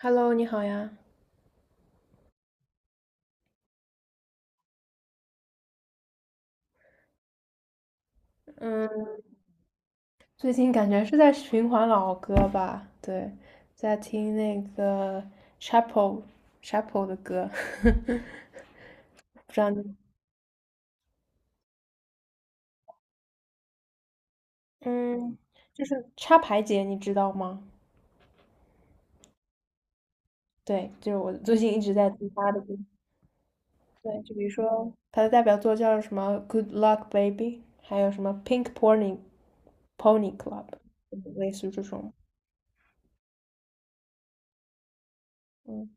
Hello，你好呀。嗯，最近感觉是在循环老歌吧？对，在听那个 c h a p e l c h a p e l 的歌，不知道你，嗯，就是插排姐，你知道吗？对，就是我最近一直在听她的歌。对，就比如说她的代表作叫什么《Good Luck Baby》，还有什么《Pink Pony Club》，类似于这种。嗯。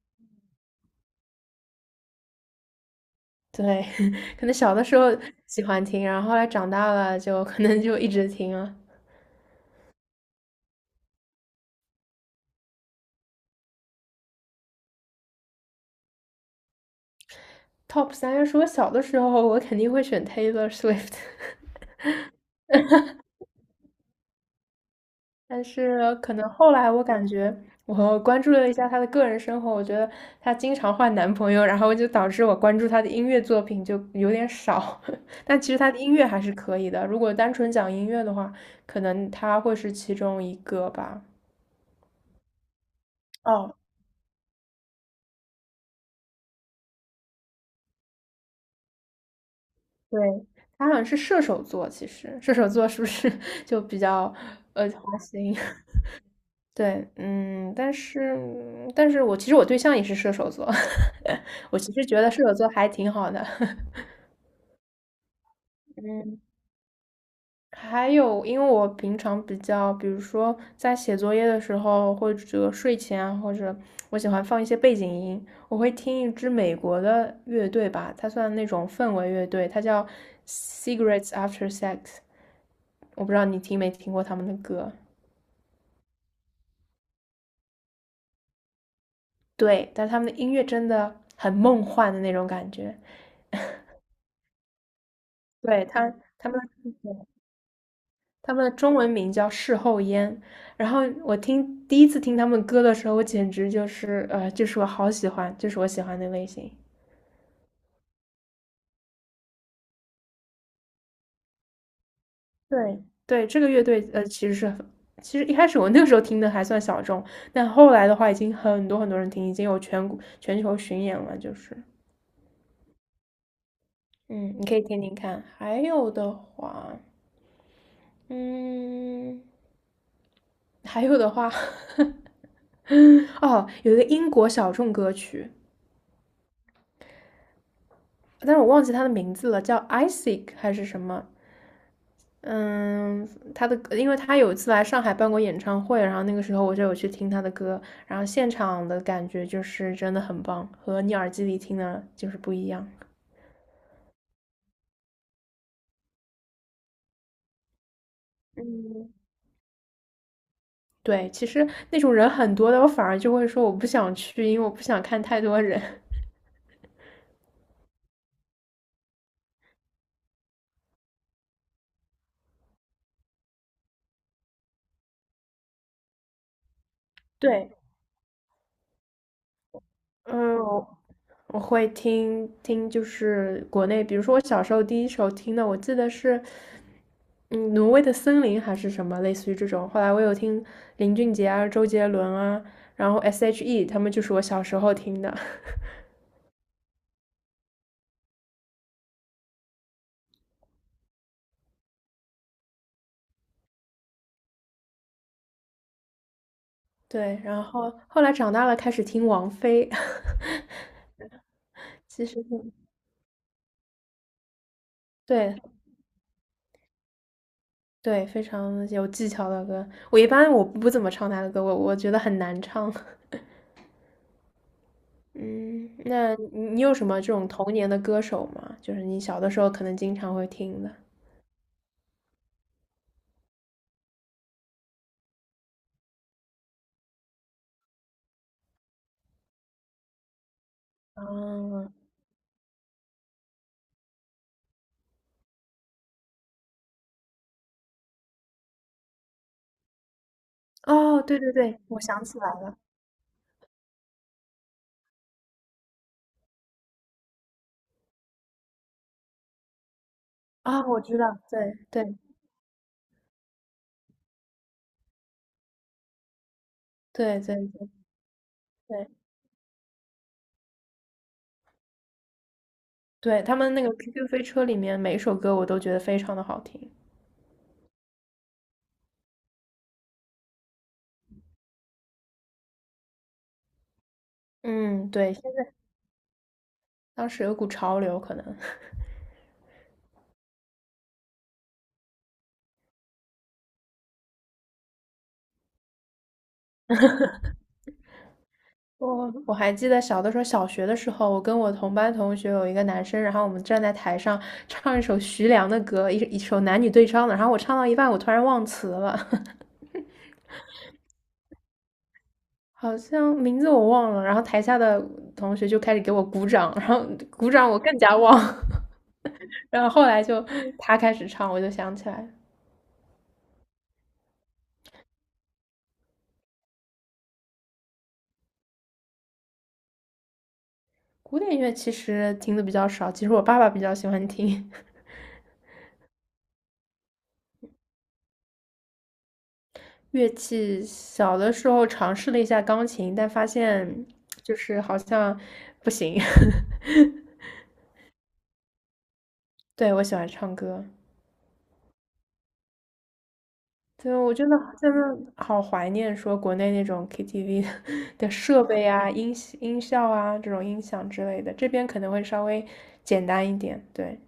对，可能小的时候喜欢听，然后后来长大了就可能就一直听了。Top 三要是我小的时候，我肯定会选 Taylor Swift，但是可能后来我感觉我关注了一下她的个人生活，我觉得她经常换男朋友，然后就导致我关注她的音乐作品就有点少。但其实她的音乐还是可以的，如果单纯讲音乐的话，可能她会是其中一个吧。哦，对，他好像是射手座，其实射手座是不是 就比较花心？对，嗯，但是我其实我对象也是射手座，我其实觉得射手座还挺好的。嗯，还有，因为我平常比较，比如说在写作业的时候，或者睡前啊或者我喜欢放一些背景音，我会听一支美国的乐队吧，它算那种氛围乐队，它叫 Cigarettes After Sex。我不知道你听没听过他们的歌，对，但他们的音乐真的很梦幻的那种感觉。对，他们他们的中文名叫事后烟，然后我听第一次听他们歌的时候，我简直就是就是我好喜欢，就是我喜欢的类型。对对，这个乐队其实一开始我那个时候听的还算小众，但后来的话已经很多很多人听，已经有全国全球巡演了，就是嗯，你可以听听看。嗯，还有的话，哦，有一个英国小众歌曲，但是我忘记它的名字了，叫 Isaac 还是什么？嗯，他的，因为他有一次来上海办过演唱会，然后那个时候我就有去听他的歌，然后现场的感觉就是真的很棒，和你耳机里听的就是不一样。嗯，对，其实那种人很多的，我反而就会说我不想去，因为我不想看太多人。对，嗯，我会听听，就是国内，比如说我小时候第一首听的，我记得是，嗯，挪威的森林还是什么，类似于这种。后来我有听林俊杰啊、周杰伦啊，然后 S.H.E 他们就是我小时候听的。对，然后后来长大了开始听王菲，其实挺对对，非常有技巧的歌。我一般我不怎么唱她的歌，我觉得很难唱。嗯，那你有什么这种童年的歌手吗？就是你小的时候可能经常会听的。哦，哦，对对对，我想起来了。啊、我知道，对对对对对对对，他们那个 QQ 飞车里面每一首歌我都觉得非常的好听。嗯，对，当时有股潮流，可能 我还记得小的时候，小学的时候，我跟我同班同学有一个男生，然后我们站在台上唱一首徐良的歌，一首男女对唱的，然后我唱到一半，我突然忘词了，好像名字我忘了，然后台下的同学就开始给我鼓掌，然后鼓掌我更加忘，然后后来就他开始唱，我就想起来了古典乐其实听的比较少，其实我爸爸比较喜欢听 乐器。小的时候尝试了一下钢琴，但发现就是好像不行。对，我喜欢唱歌。对，我真的真的好怀念说国内那种 KTV 的设备啊、音效啊、这种音响之类的，这边可能会稍微简单一点。对，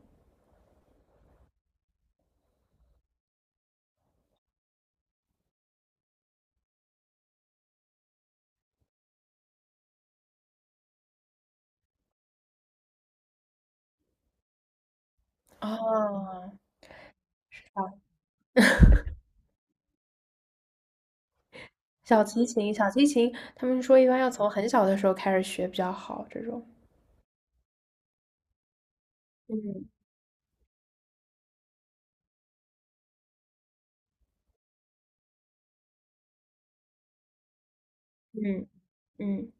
哦，是吧？小提琴，小提琴，他们说一般要从很小的时候开始学比较好，这种。嗯嗯嗯，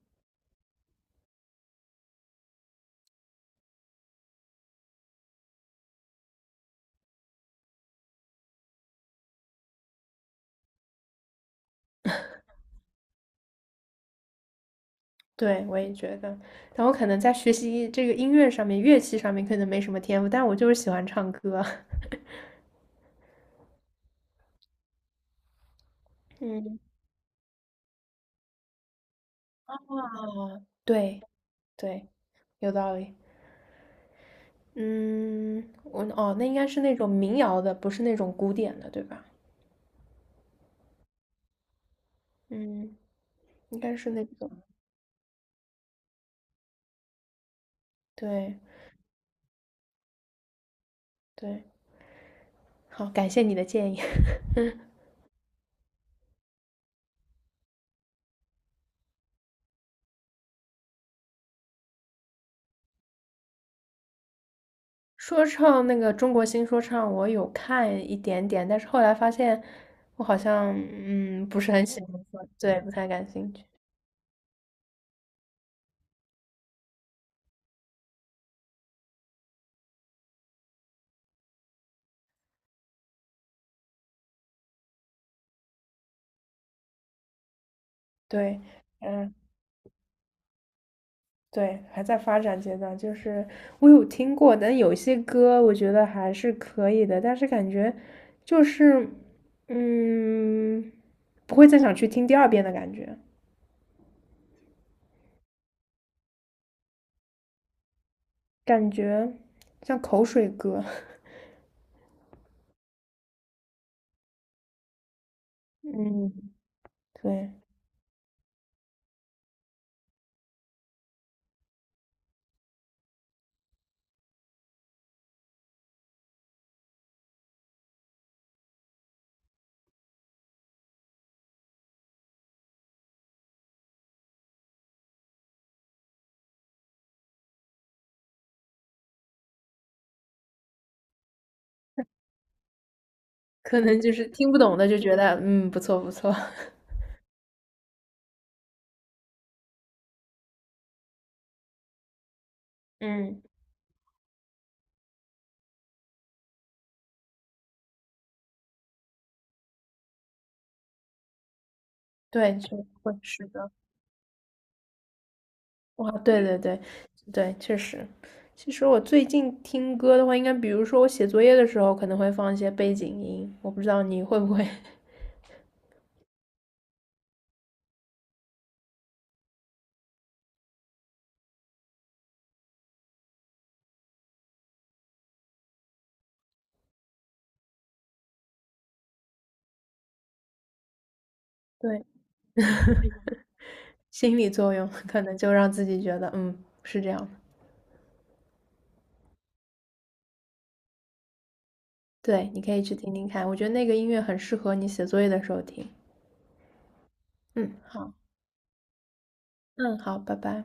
对，我也觉得。但我可能在学习这个音乐上面、乐器上面可能没什么天赋，但我就是喜欢唱歌。嗯，啊，对对，有道理。嗯，哦，那应该是那种民谣的，不是那种古典的，对吧？嗯，应该是那种，对对，好，感谢你的建议。说唱那个中国新说唱，我有看一点点，但是后来发现我好像不是很喜欢，对，不太感兴趣。对，嗯。对，还在发展阶段，就是我有听过，但有些歌我觉得还是可以的，但是感觉就是，嗯，不会再想去听第二遍的感觉，感觉像口水歌，嗯，对，可能就是听不懂的就觉得，嗯，不错不错，嗯，对，就会是的。哇，对对对对，确实。其实我最近听歌的话，应该比如说我写作业的时候，可能会放一些背景音，我不知道你会不会 对，心理作用可能就让自己觉得，嗯，是这样的。对，你可以去听听看，我觉得那个音乐很适合你写作业的时候听。嗯，好，嗯，好，拜拜。